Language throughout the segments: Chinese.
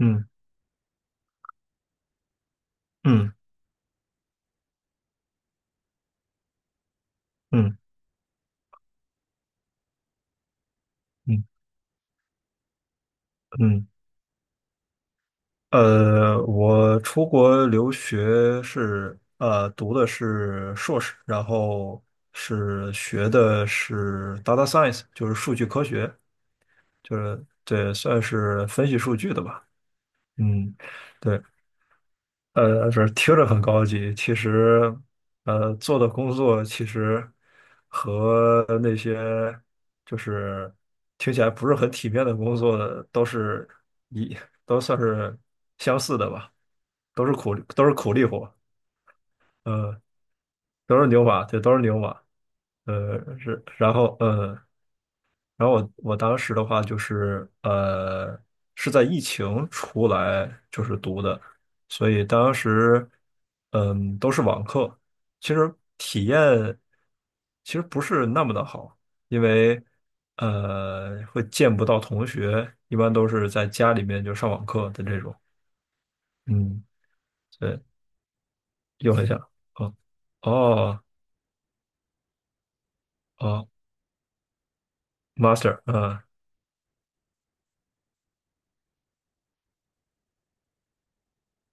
嗯嗯嗯嗯嗯，我出国留学是读的是硕士，然后是学的是 data science，就是数据科学，就是对，算是分析数据的吧。嗯，对。不是听着很高级，其实，做的工作其实和那些就是听起来不是很体面的工作的都是一都算是相似的吧，都是苦力活，呃，都是牛马，对，都是牛马，是。然后我当时的话就是是在疫情出来就是读的，所以当时都是网课，其实体验其实不是那么的好，因为会见不到同学，一般都是在家里面就上网课的这种。嗯，对，又一下哦哦哦，master，嗯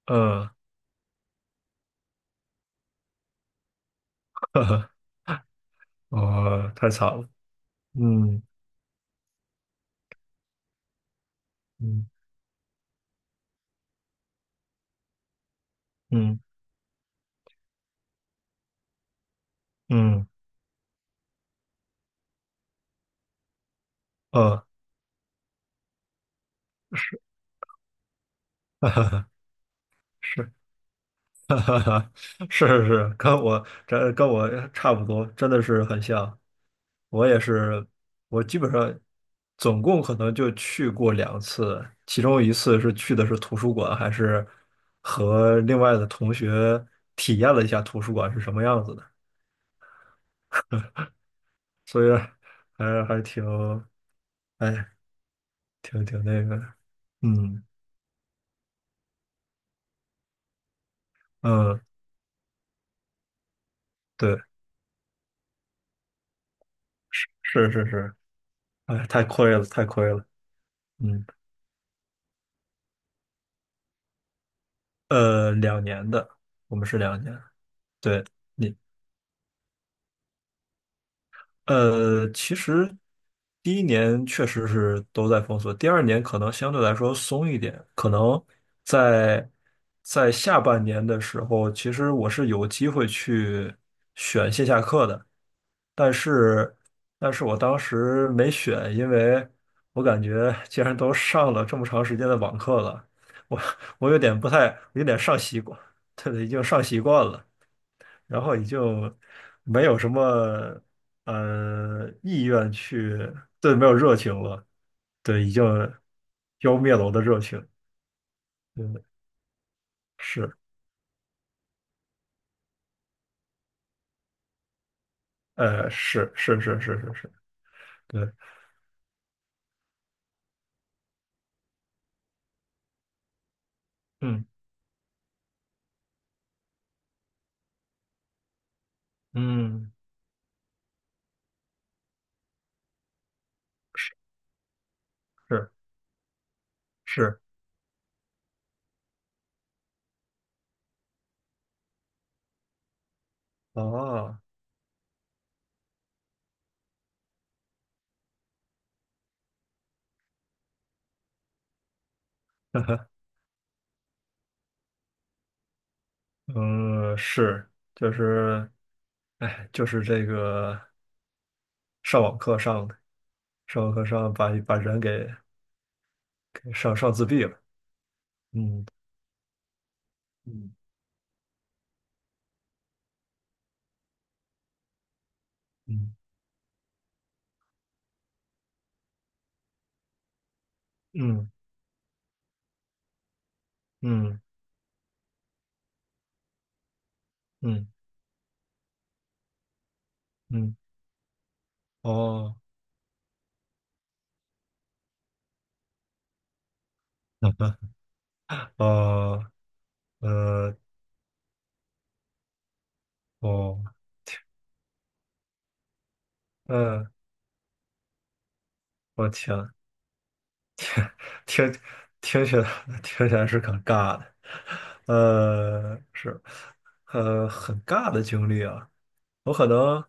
嗯，呵呵，哦，太惨了，嗯嗯。嗯嗯呃是，哈哈哈，是，哈哈哈，是是是，跟我差不多，真的是很像。我也是，我基本上总共可能就去过2次，其中一次是去的是图书馆，还是和另外的同学体验了一下图书馆是什么样子的，所以还挺，哎，挺那个的，嗯嗯，对，是是是，哎，太亏了，太亏了，嗯。两年的，我们是两年。对你。其实第一年确实是都在封锁，第二年可能相对来说松一点，可能在在下半年的时候，其实我是有机会去选线下课的，但是但是我当时没选，因为我感觉既然都上了这么长时间的网课了，我我有点不太，有点上习惯。对，已经上习惯了。然后你就没有什么意愿去。对，没有热情了。对，已经浇灭了我的热情。嗯，是，是是是是是是，对，嗯嗯，是是是，哦，嗯，是，就是，哎，就是这个上网课上的，上网课上把人给上自闭了。嗯嗯嗯嗯嗯。嗯嗯，哦，好吧，哦，呃，哦，嗯，我天，听听起来 听起来是很尬的，是，很尬的经历啊。我可能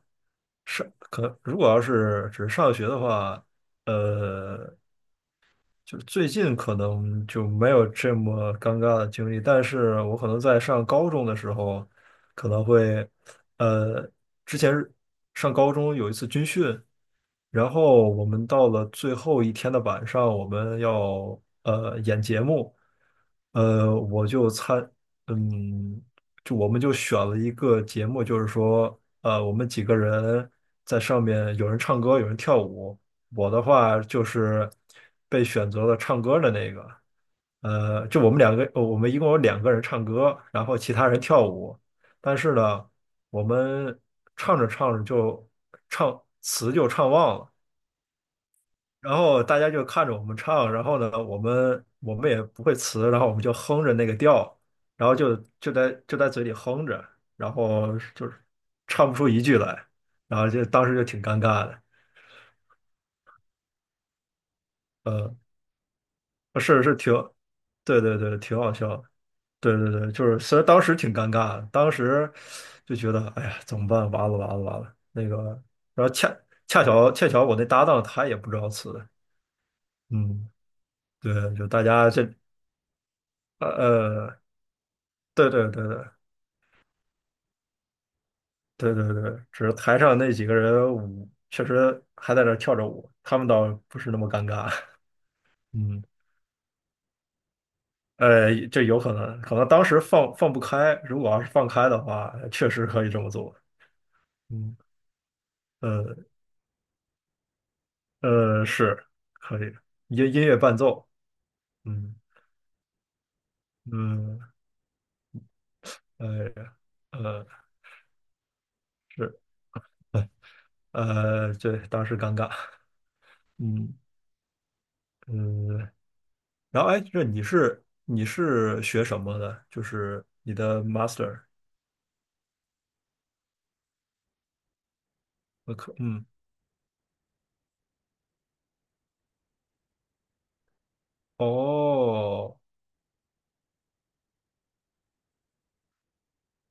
上可如果要是只是上学的话，呃，就是最近可能就没有这么尴尬的经历，但是我可能在上高中的时候，可能会，呃，之前是上高中有一次军训，然后我们到了最后一天的晚上，我们要演节目，我就参，嗯，就我们就选了一个节目，就是说，我们几个人在上面，有人唱歌，有人跳舞。我的话就是被选择了唱歌的那个，就我们两个，我们一共有两个人唱歌，然后其他人跳舞。但是呢，我们唱着唱着就唱词就唱忘了，然后大家就看着我们唱，然后呢，我们也不会词，然后我们就哼着那个调，然后就在嘴里哼着，然后就是唱不出一句来，然后就当时就挺尴尬的。呃。是是挺，对对对，挺好笑的，对对对，就是虽然当时挺尴尬的，当时就觉得哎呀怎么办？完了完了完了，那个，然后恰巧我那搭档他也不知道词的，嗯，对，就大家这呃呃，对对对对对对对，只是台上那几个人舞确实还在那儿跳着舞，他们倒不是那么尴尬，嗯。这有可能，可能当时放不开，如果要是放开的话，确实可以这么做。嗯。呃是可以，音乐伴奏，嗯嗯，哎呀，呃是，哎，对当时尴尬，嗯嗯，然后哎，这你是学什么的？就是你的 master 的课，嗯，哦，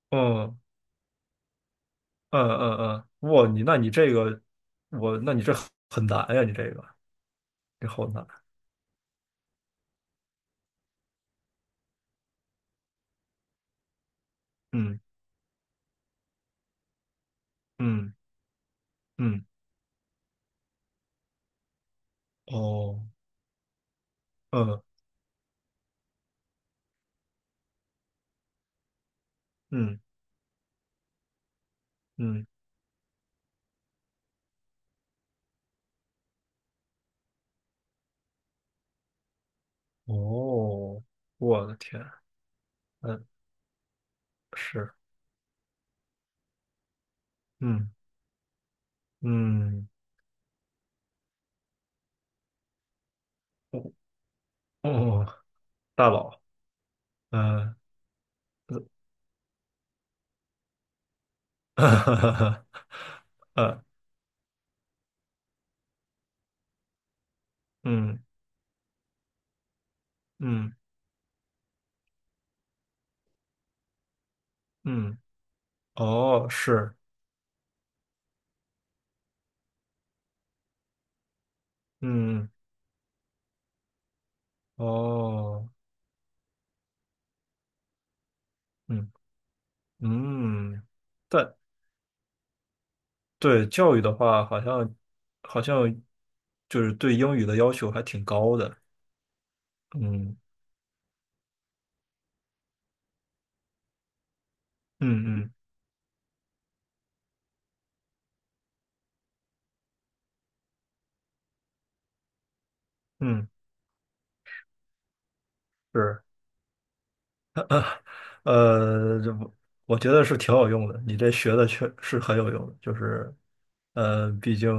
嗯嗯嗯嗯，哇，你这个，你这很难呀，你这个，这好难，嗯嗯嗯，哦，嗯嗯嗯。哦，我的天，嗯，是，嗯嗯，哦哦，大佬，嗯，呃，呃，嗯嗯嗯，哦，是，嗯，哦，嗯嗯，但对教育的话，好像就是对英语的要求还挺高的，嗯嗯嗯嗯，是。这不我觉得是挺有用的，你这学的确是很有用的，就是，毕竟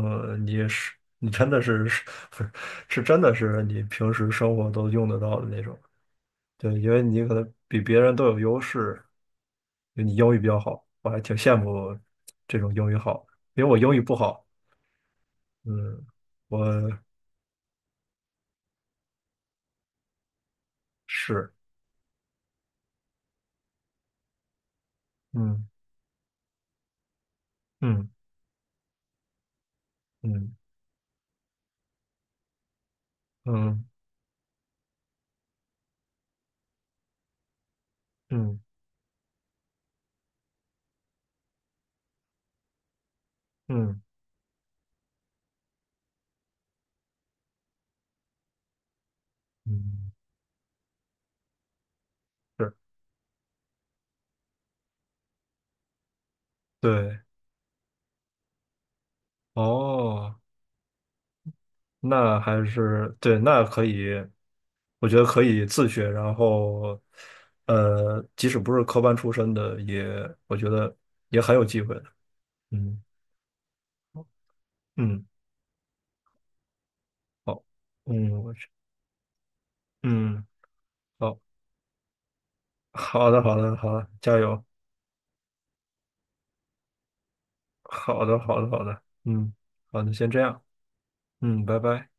你也是你真的是 是真的是你平时生活都用得到的那种，对，因为你可能比别人都有优势，就你英语比较好，我还挺羡慕这种英语好，因为我英语不好，嗯，我是，嗯嗯嗯嗯嗯嗯嗯，是，对，哦。那还是对，那可以，我觉得可以自学，然后，即使不是科班出身的，也我觉得也很有机会的。嗯嗯，好，嗯，我去，嗯，好，好的，好的，好的，加油，好的，好的，好的，嗯，好那先这样，嗯，拜拜。